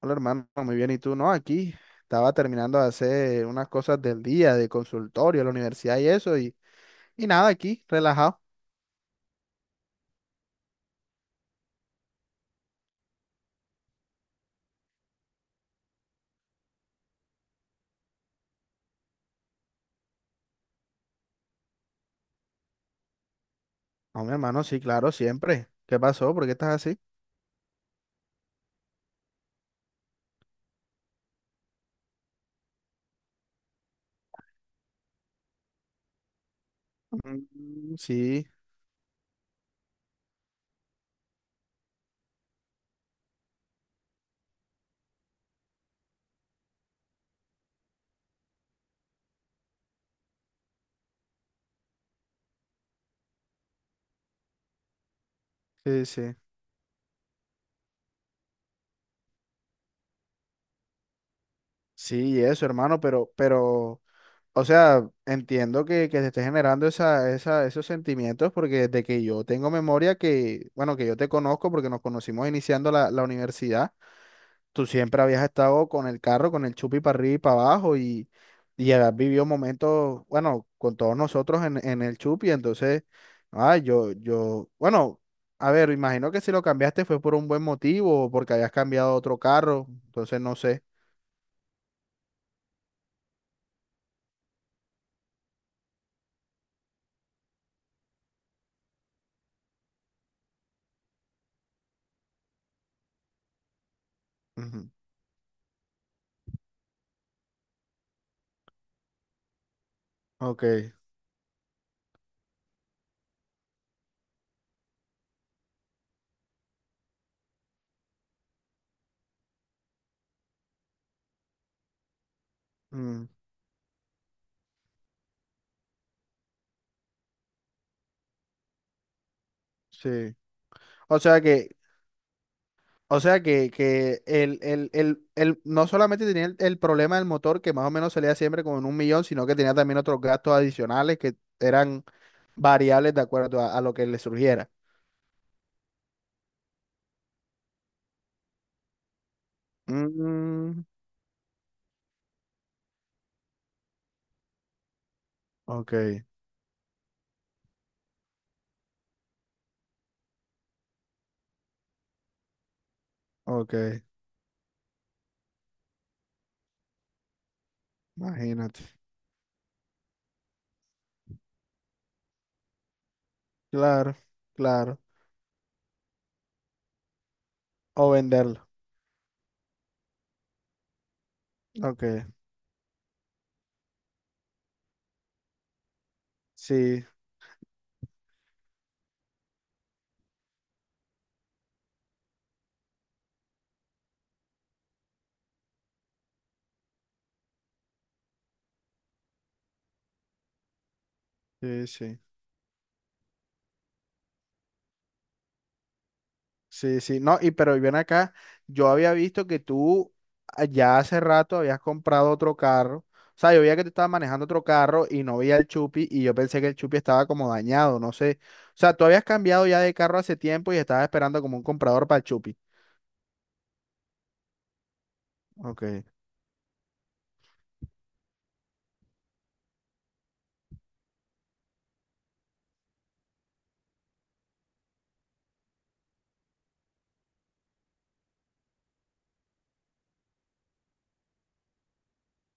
Hola hermano, muy bien. ¿Y tú? No, aquí estaba terminando de hacer unas cosas del día, de consultorio, la universidad y eso, y nada, aquí, relajado. No, mi hermano, sí, claro, siempre. ¿Qué pasó? ¿Por qué estás así? Mm, sí, sí, sí. Sí, eso, hermano, pero, o sea, entiendo que, te esté generando esos sentimientos, porque desde que yo tengo memoria que, bueno, que yo te conozco, porque nos conocimos iniciando la universidad. Tú siempre habías estado con el carro, con el chupi para arriba y para abajo y habías vivido momentos, bueno, con todos nosotros en el chupi. Entonces, ah, bueno, a ver, imagino que si lo cambiaste fue por un buen motivo o porque habías cambiado a otro carro, entonces no sé. Ujú. Ok. Mm, sí. O sea que, O sea que no solamente tenía el problema del motor, que más o menos salía siempre como en 1 millón, sino que tenía también otros gastos adicionales que eran variables de acuerdo a lo que le surgiera. Mm, ok, ok, imagínate. Claro, claro. O venderlo. Ok, sí, sí, sí. Sí, sí, no, y pero ven acá, yo había visto que ya hace rato habías comprado otro carro. O sea, yo veía que tú estabas manejando otro carro y no veía el Chupi y yo pensé que el Chupi estaba como dañado, no sé, o sea, tú habías cambiado ya de carro hace tiempo y estabas esperando como un comprador para el Chupi. Ok,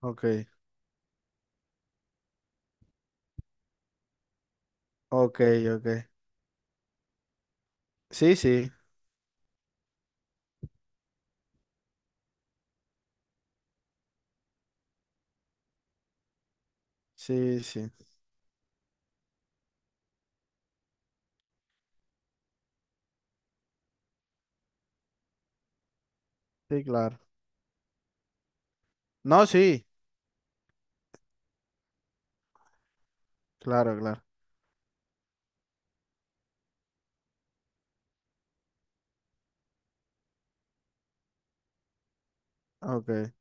ok, ok, ok. Sí, sí, sí, sí, sí, claro. No, sí, claro, claro, ok.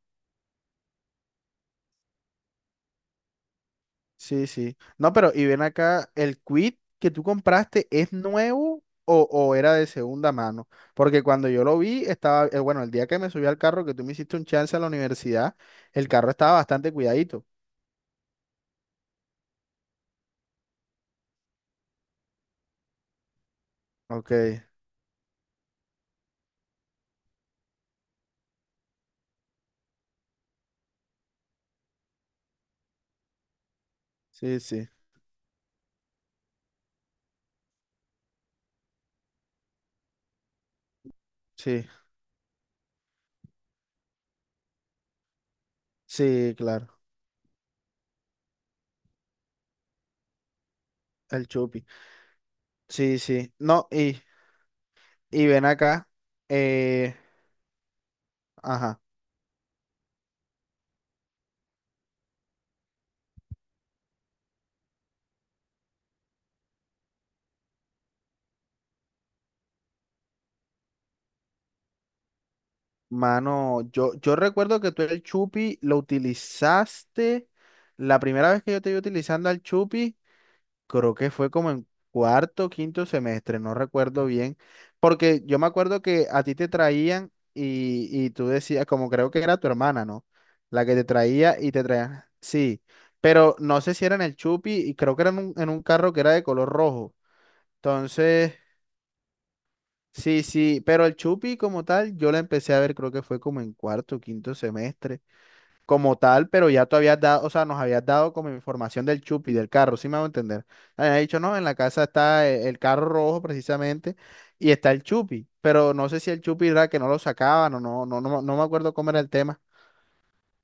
Sí, sí. No, pero y ven acá, ¿el quit que tú compraste es nuevo o era de segunda mano? Porque cuando yo lo vi, estaba, bueno, el día que me subí al carro, que tú me hiciste un chance a la universidad, el carro estaba bastante cuidadito. Ok, sí, sí, sí, sí, claro, el chupi. Sí, sí. No, y ven acá, eh, ajá, mano, yo recuerdo que tú el chupi lo utilizaste, la primera vez que yo te vi utilizando al chupi. Creo que fue como en cuarto, quinto semestre, no recuerdo bien, porque yo me acuerdo que a ti te traían y tú decías, como creo que era tu hermana, ¿no? La que te traía y te traía, sí, pero no sé si era en el Chupi y creo que era en un carro que era de color rojo. Entonces, sí, sí, pero el Chupi como tal, yo la empecé a ver, creo que fue como en cuarto, quinto semestre como tal, pero ya tú habías dado, o sea, nos habías dado como información del chupi, del carro, ¿sí me hago entender? Habías dicho, no, en la casa está el carro rojo precisamente y está el chupi, pero no sé si el chupi era que no lo sacaban o no, no me acuerdo cómo era el tema.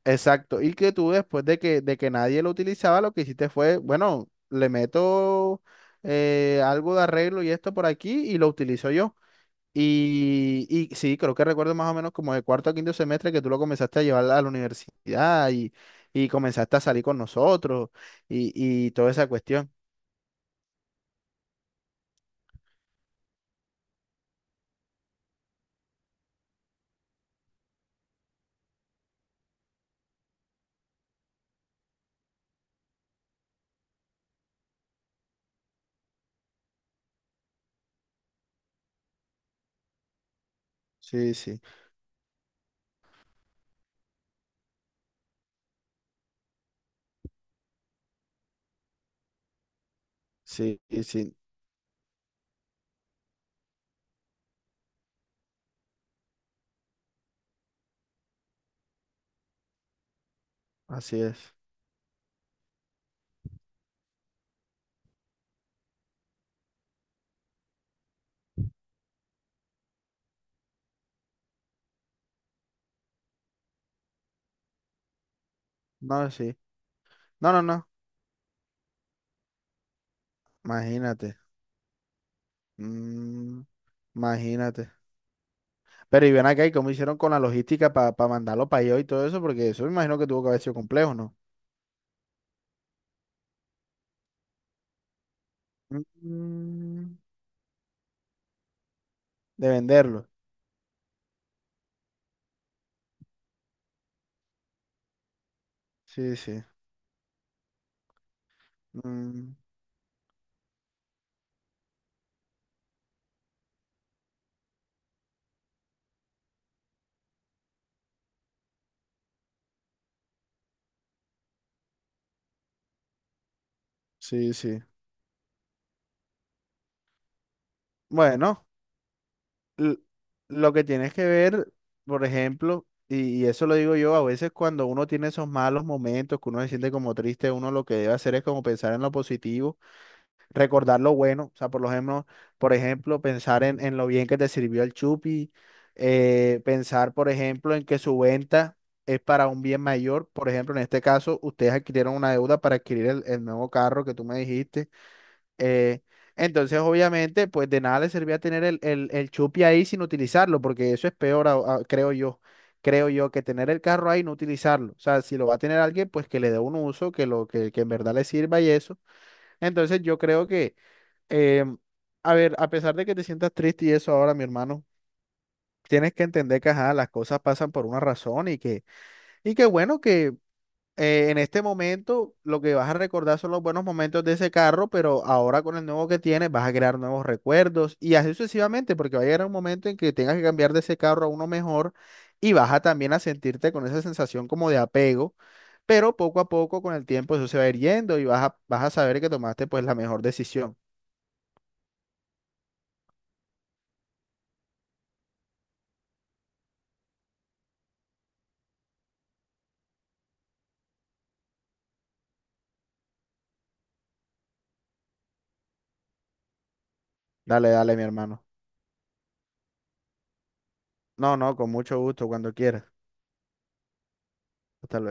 Exacto, y que tú después de que nadie lo utilizaba, lo que hiciste fue, bueno, le meto algo de arreglo y esto por aquí y lo utilizo yo. Y sí, creo que recuerdo más o menos como de cuarto a quinto semestre que tú lo comenzaste a llevar a la universidad y comenzaste a salir con nosotros y, y toda esa cuestión. Sí, sí, sí, y sí, así es. No, sí. No, no, no, imagínate. Mm, imagínate. Pero y ven acá, ¿y cómo hicieron con la logística para mandarlo para allá y todo eso? Porque eso me imagino que tuvo que haber sido complejo, ¿no? Mm, de venderlo. Sí, sí. Mm, sí, sí. Bueno. l- lo que tienes que ver, por ejemplo, y eso lo digo yo, a veces cuando uno tiene esos malos momentos, que uno se siente como triste, uno lo que debe hacer es como pensar en lo positivo, recordar lo bueno, o sea, por ejemplo, pensar en lo bien que te sirvió el chupi, pensar, por ejemplo, en que su venta es para un bien mayor, por ejemplo, en este caso, ustedes adquirieron una deuda para adquirir el nuevo carro que tú me dijiste. Eh, entonces, obviamente, pues de nada le servía tener el chupi ahí sin utilizarlo, porque eso es peor, creo yo. Creo yo que tener el carro ahí y no utilizarlo. O sea, si lo va a tener alguien, pues que le dé un uso, que lo que en verdad le sirva y eso. Entonces, em, a ver, a pesar de que te sientas triste y eso ahora, mi hermano, tienes que entender que, ajá, las cosas pasan por una razón y que bueno, en este momento lo que vas a recordar son los buenos momentos de ese carro, pero ahora con el nuevo que tienes vas a crear nuevos recuerdos y así sucesivamente, porque va a llegar un momento en que tengas que cambiar de ese carro a uno mejor y vas a también a sentirte con esa sensación como de apego, pero poco a poco con el tiempo eso se va a ir yendo y vas a, vas a saber que tomaste pues la mejor decisión. Dale, dale, mi hermano. No, no, con mucho gusto, cuando quieras. Hasta luego.